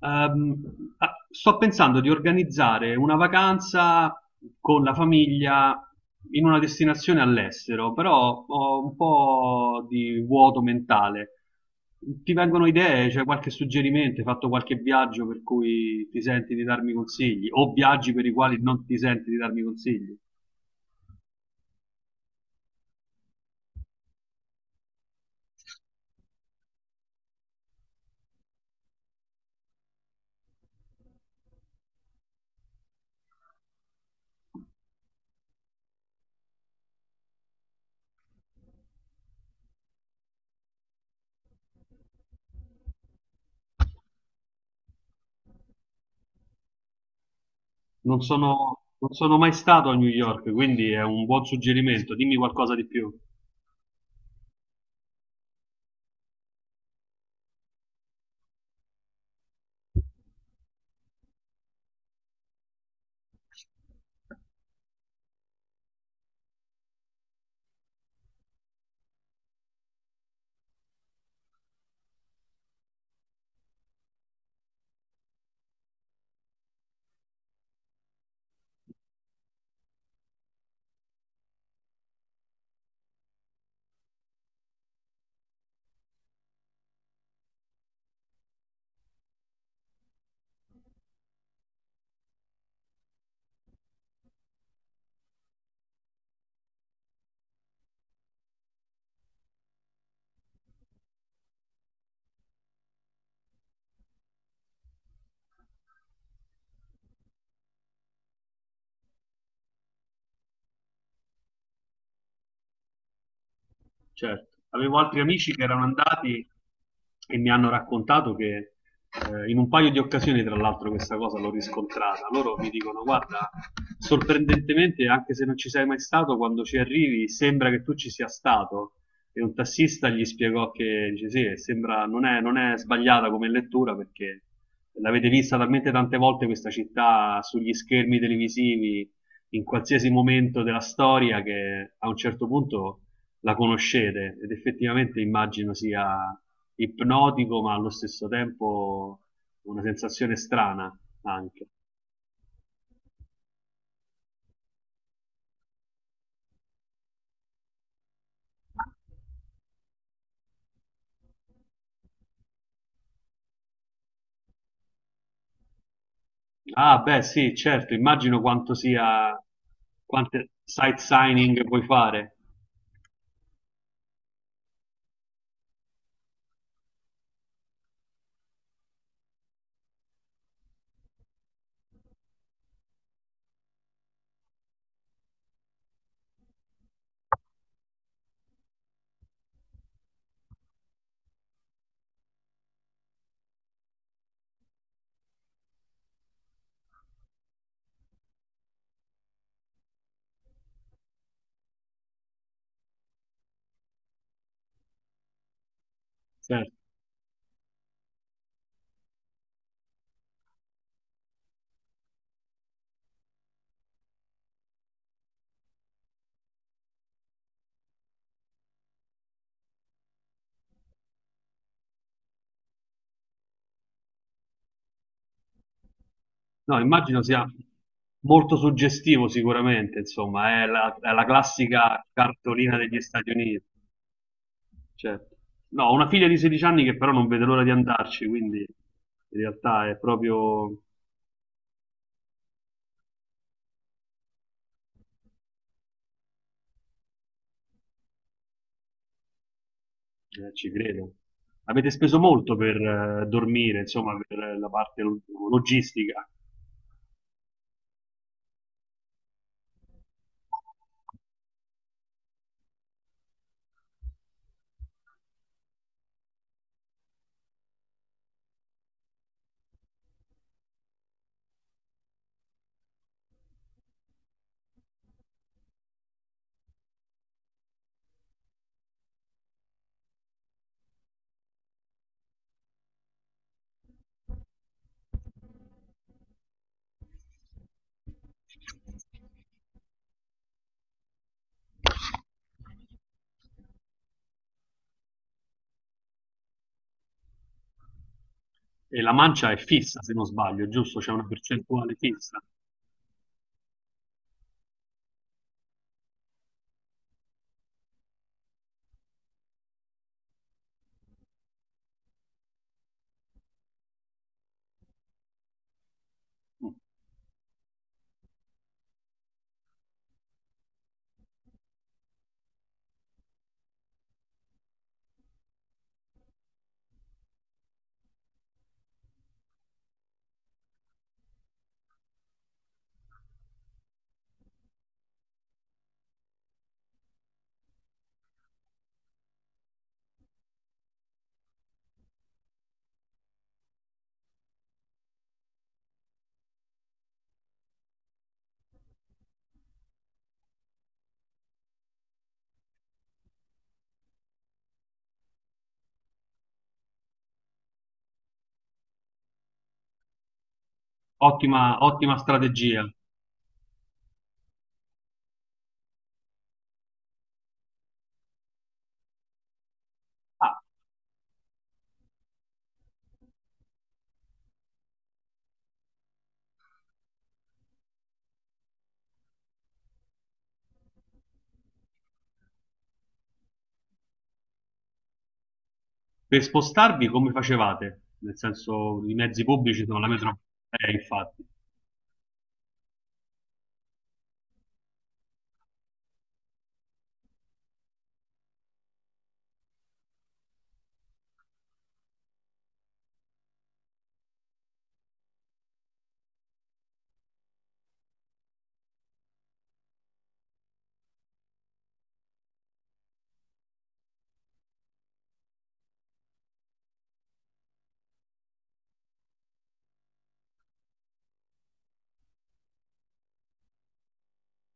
Ehm, Sto pensando di organizzare una vacanza con la famiglia in una destinazione all'estero, però ho un po' di vuoto mentale. Ti vengono idee? C'è qualche suggerimento? Hai fatto qualche viaggio per cui ti senti di darmi consigli? O viaggi per i quali non ti senti di darmi consigli? Non sono mai stato a New York, quindi è un buon suggerimento. Dimmi qualcosa di più. Certo, avevo altri amici che erano andati e mi hanno raccontato che in un paio di occasioni, tra l'altro, questa cosa l'ho riscontrata. Loro mi dicono: Guarda, sorprendentemente, anche se non ci sei mai stato, quando ci arrivi sembra che tu ci sia stato. E un tassista gli spiegò che dice: Sì, sembra, non è sbagliata come lettura perché l'avete vista talmente tante volte questa città sugli schermi televisivi in qualsiasi momento della storia che a un certo punto la conoscete ed effettivamente immagino sia ipnotico, ma allo stesso tempo una sensazione strana anche. Ah, beh, sì, certo, immagino quanto sia, quante sight signing puoi fare. Certo. No, immagino sia molto suggestivo sicuramente, insomma, è la classica cartolina degli Stati Uniti. Certo. No, ho una figlia di 16 anni che però non vede l'ora di andarci, quindi in realtà è proprio. Ci credo. Avete speso molto per dormire, insomma, per logistica. E la mancia è fissa, se non sbaglio, giusto? C'è una percentuale fissa. Mm. Ottima, ottima strategia. Ah, per spostarvi come facevate? Nel senso, i mezzi pubblici sono la metro... infatti.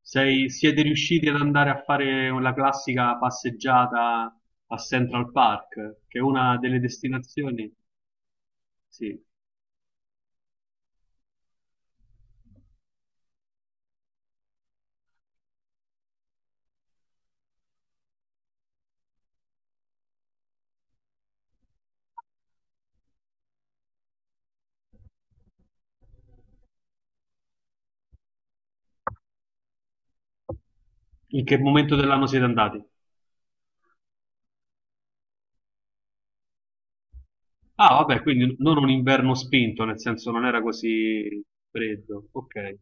Siete riusciti ad andare a fare la classica passeggiata a Central Park, che è una delle destinazioni? Sì. In che momento dell'anno siete andati? Ah, vabbè, quindi non un inverno spinto, nel senso non era così freddo. Ok.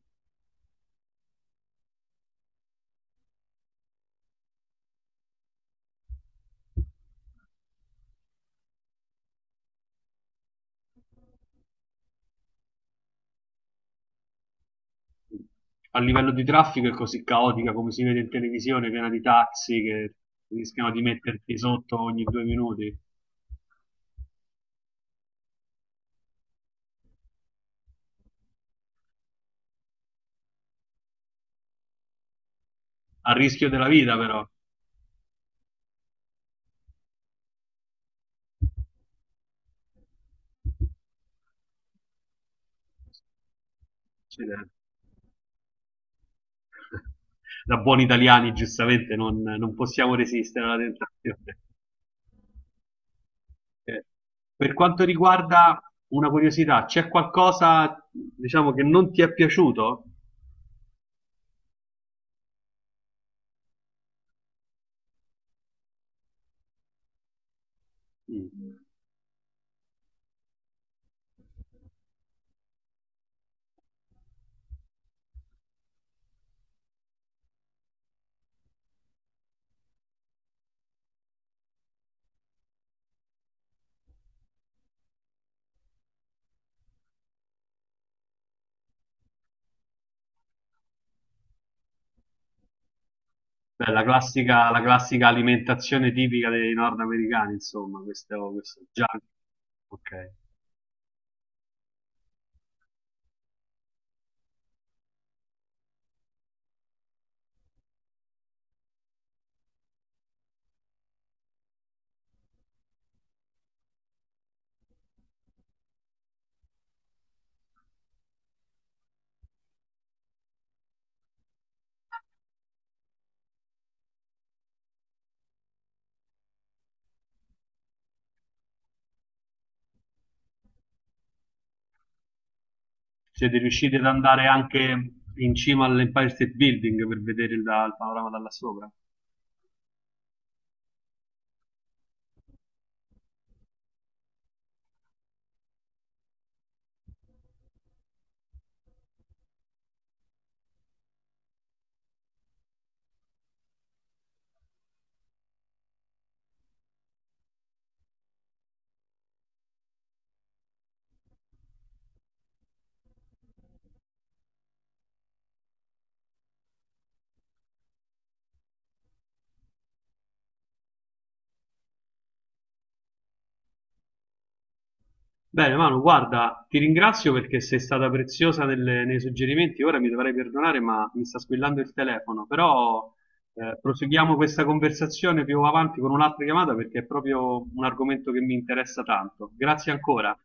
A livello di traffico è così caotica come si vede in televisione, piena di taxi che rischiano di metterti sotto ogni due minuti. A rischio della vita, però. Accidenti. Da buoni italiani, giustamente, non possiamo resistere alla tentazione. Eh, Per quanto riguarda una curiosità, c'è qualcosa, diciamo, che non ti è piaciuto? Mm. Beh, la classica alimentazione tipica dei nordamericani, insomma, questo junk. Ok. Siete riusciti ad andare anche in cima all'Empire State Building per vedere il panorama da là sopra? Bene, Manu, guarda, ti ringrazio perché sei stata preziosa nei suggerimenti. Ora mi dovrai perdonare, ma mi sta squillando il telefono. Però proseguiamo questa conversazione più avanti con un'altra chiamata perché è proprio un argomento che mi interessa tanto. Grazie ancora.